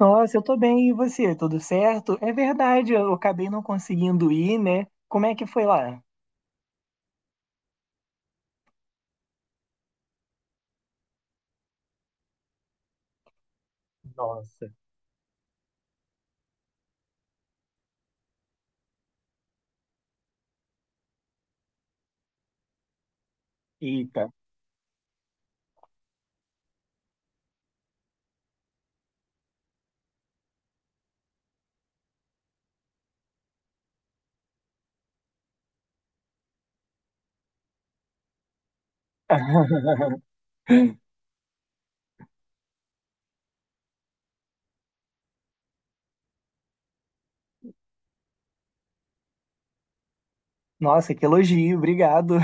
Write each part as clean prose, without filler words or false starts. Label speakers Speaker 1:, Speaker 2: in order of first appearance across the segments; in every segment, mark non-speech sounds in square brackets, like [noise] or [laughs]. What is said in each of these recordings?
Speaker 1: Nossa, eu tô bem, e você? Tudo certo? É verdade, eu acabei não conseguindo ir, né? Como é que foi lá? Nossa, eita. [laughs] Nossa, que elogio, obrigado.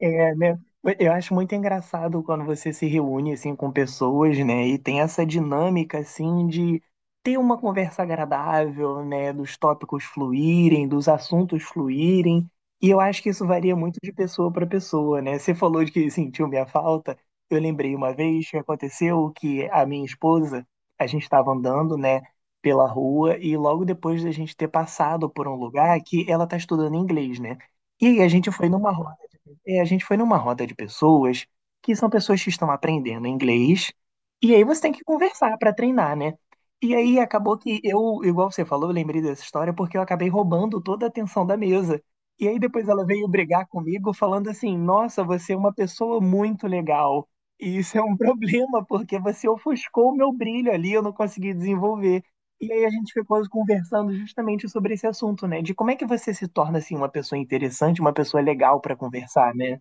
Speaker 1: É, né? Eu acho muito engraçado quando você se reúne assim com pessoas, né? E tem essa dinâmica assim de ter uma conversa agradável, né? Dos tópicos fluírem, dos assuntos fluírem. E eu acho que isso varia muito de pessoa para pessoa, né? Você falou de que sentiu minha falta. Eu lembrei uma vez que aconteceu que a minha esposa, a gente estava andando, né? Pela rua e logo depois da gente ter passado por um lugar que ela está estudando inglês, né? E aí a gente foi numa roda de pessoas que são pessoas que estão aprendendo inglês, e aí você tem que conversar para treinar, né? E aí acabou que eu, igual você falou, eu lembrei dessa história porque eu acabei roubando toda a atenção da mesa. E aí depois ela veio brigar comigo falando assim: "Nossa, você é uma pessoa muito legal. E isso é um [laughs] problema porque você ofuscou o meu brilho ali, eu não consegui desenvolver". E aí a gente ficou conversando justamente sobre esse assunto, né? De como é que você se torna assim uma pessoa interessante, uma pessoa legal pra conversar, né?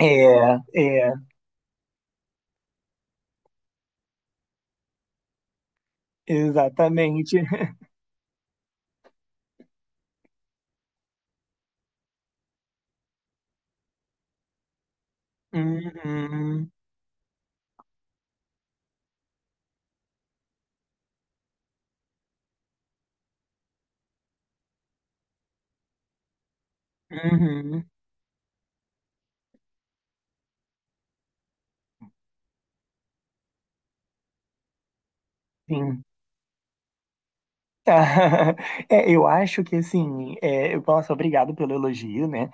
Speaker 1: É, é, exatamente. Uhum, uhum, sim. [laughs] É, eu acho que assim, é, nossa, obrigado pelo elogio, né?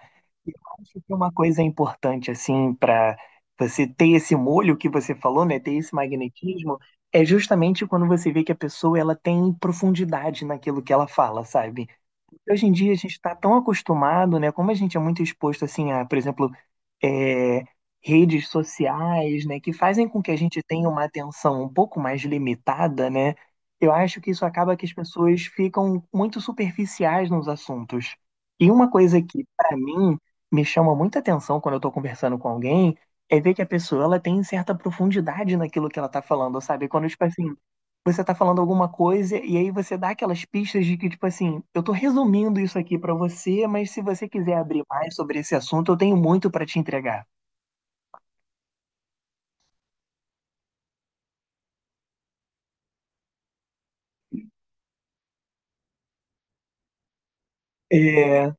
Speaker 1: Eu acho que uma coisa importante assim para você ter esse molho que você falou, né, ter esse magnetismo, é justamente quando você vê que a pessoa ela tem profundidade naquilo que ela fala, sabe? Hoje em dia a gente está tão acostumado, né? Como a gente é muito exposto assim a, por exemplo, é, redes sociais, né, que fazem com que a gente tenha uma atenção um pouco mais limitada, né? Eu acho que isso acaba que as pessoas ficam muito superficiais nos assuntos. E uma coisa que, para mim, me chama muita atenção quando eu estou conversando com alguém é ver que a pessoa ela tem certa profundidade naquilo que ela está falando, sabe? Quando, tipo assim, você tá falando alguma coisa e aí você dá aquelas pistas de que, tipo assim, eu tô resumindo isso aqui pra você, mas se você quiser abrir mais sobre esse assunto, eu tenho muito pra te entregar. É.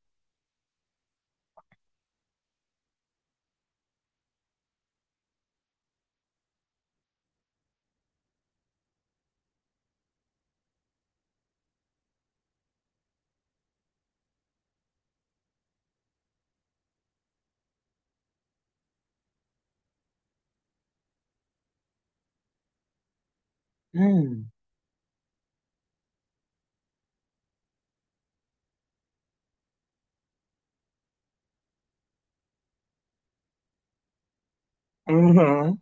Speaker 1: Hum. Uhum.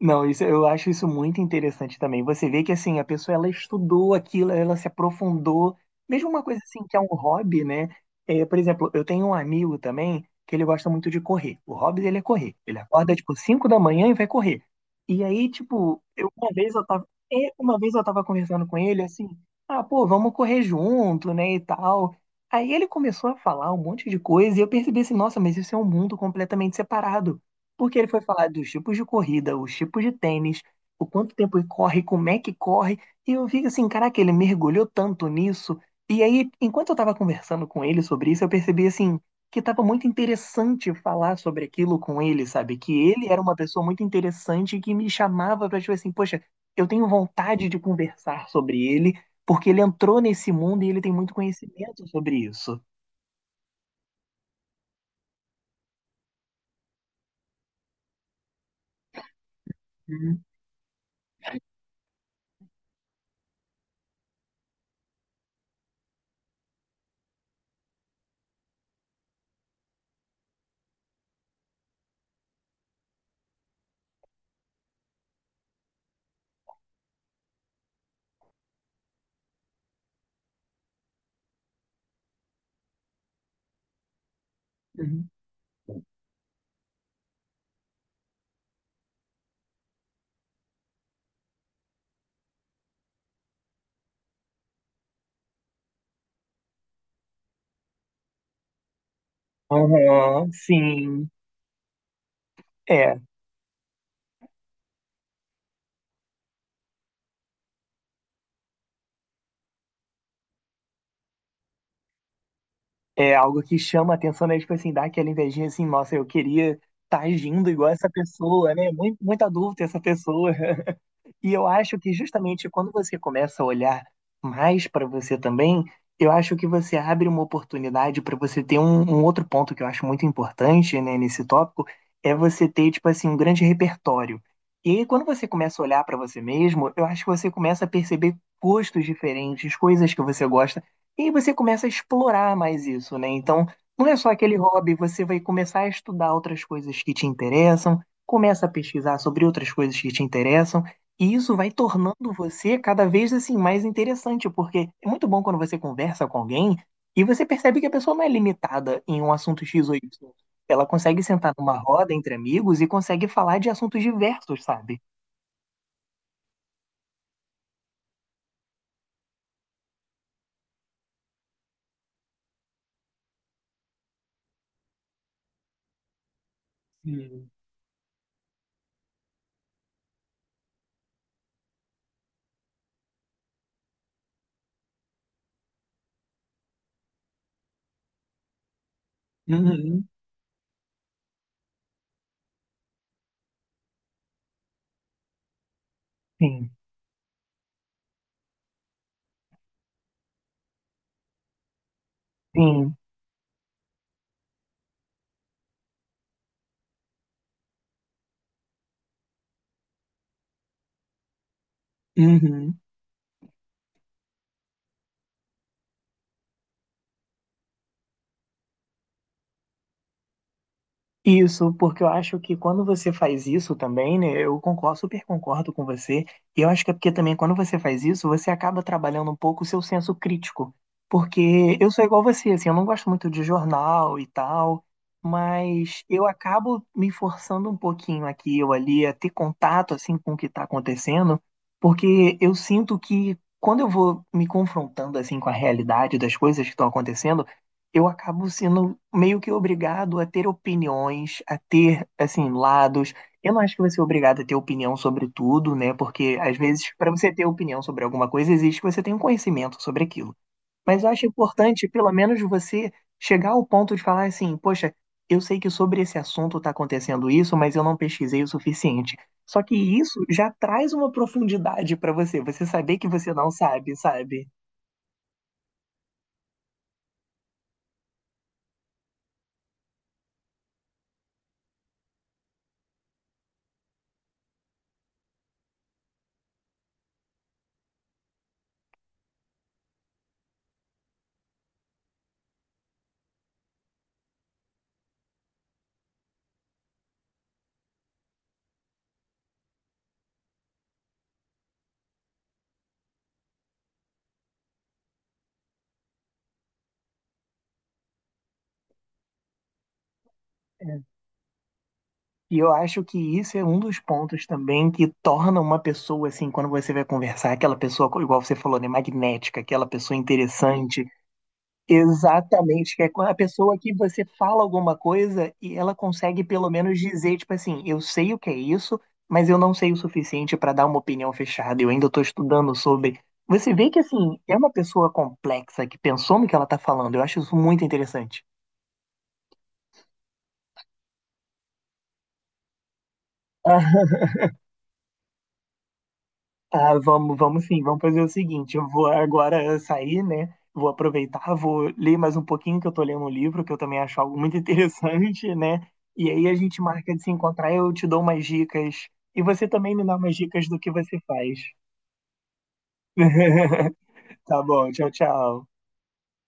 Speaker 1: Não, isso, eu acho isso muito interessante também. Você vê que assim, a pessoa ela estudou aquilo, ela se aprofundou. Mesmo uma coisa assim que é um hobby, né? É, por exemplo, eu tenho um amigo também que ele gosta muito de correr. O hobby dele é correr. Ele acorda tipo 5 da manhã e vai correr. E aí, tipo, eu uma vez eu tava, é, uma vez eu tava conversando com ele assim, ah, pô, vamos correr junto, né, e tal. Aí ele começou a falar um monte de coisa e eu percebi assim, nossa, mas isso é um mundo completamente separado porque ele foi falar dos tipos de corrida, os tipos de tênis, o quanto tempo ele corre, como é que corre. E eu vi assim, caraca, ele mergulhou tanto nisso. E aí, enquanto eu tava conversando com ele sobre isso, eu percebi assim que tava muito interessante falar sobre aquilo com ele, sabe? Que ele era uma pessoa muito interessante que me chamava pra tipo assim, poxa, eu tenho vontade de conversar sobre ele, porque ele entrou nesse mundo e ele tem muito conhecimento sobre isso. Uhum, uhum. Aham, sim. É. É algo que chama a atenção, né? Tipo assim, dá aquela invejinha assim, nossa, eu queria estar agindo igual essa pessoa, né? Muito, muita dúvida essa pessoa. E eu acho que justamente quando você começa a olhar mais para você também, eu acho que você abre uma oportunidade para você ter um outro ponto que eu acho muito importante, né, nesse tópico, é você ter, tipo assim, um grande repertório. E aí, quando você começa a olhar para você mesmo, eu acho que você começa a perceber gostos diferentes, coisas que você gosta, e aí você começa a explorar mais isso, né? Então, não é só aquele hobby, você vai começar a estudar outras coisas que te interessam, começa a pesquisar sobre outras coisas que te interessam. E isso vai tornando você cada vez assim mais interessante, porque é muito bom quando você conversa com alguém e você percebe que a pessoa não é limitada em um assunto X ou Y. Ela consegue sentar numa roda entre amigos e consegue falar de assuntos diversos, sabe? Sim. Uhum. Sim, sim. Uhum. Isso, porque eu acho que quando você faz isso também, né, eu concordo, super concordo com você, e eu acho que é porque também quando você faz isso, você acaba trabalhando um pouco o seu senso crítico, porque eu sou igual você, assim, eu não gosto muito de jornal e tal, mas eu acabo me forçando um pouquinho aqui ou ali a ter contato, assim, com o que está acontecendo, porque eu sinto que quando eu vou me confrontando, assim, com a realidade das coisas que estão acontecendo, eu acabo sendo meio que obrigado a ter opiniões, a ter, assim, lados. Eu não acho que você é obrigado a ter opinião sobre tudo, né? Porque, às vezes, para você ter opinião sobre alguma coisa, existe que você tenha um conhecimento sobre aquilo. Mas eu acho importante, pelo menos, você chegar ao ponto de falar assim: poxa, eu sei que sobre esse assunto está acontecendo isso, mas eu não pesquisei o suficiente. Só que isso já traz uma profundidade para você, você saber que você não sabe, sabe? É. E eu acho que isso é um dos pontos também que torna uma pessoa, assim, quando você vai conversar, aquela pessoa, igual você falou, né, magnética, aquela pessoa interessante. Exatamente, que é a pessoa que você fala alguma coisa e ela consegue pelo menos dizer, tipo assim, eu sei o que é isso, mas eu não sei o suficiente para dar uma opinião fechada, eu ainda estou estudando sobre. Você vê que, assim, é uma pessoa complexa que pensou no que ela está falando, eu acho isso muito interessante. Tá, vamos, vamos sim, vamos fazer o seguinte, eu vou agora sair, né? Vou aproveitar, vou ler mais um pouquinho que eu tô lendo um livro, que eu também acho algo muito [laughs] interessante, né? E aí a gente marca de se encontrar, eu te dou umas dicas e você também me dá umas dicas do que você faz. [laughs] Tá bom, tchau, tchau.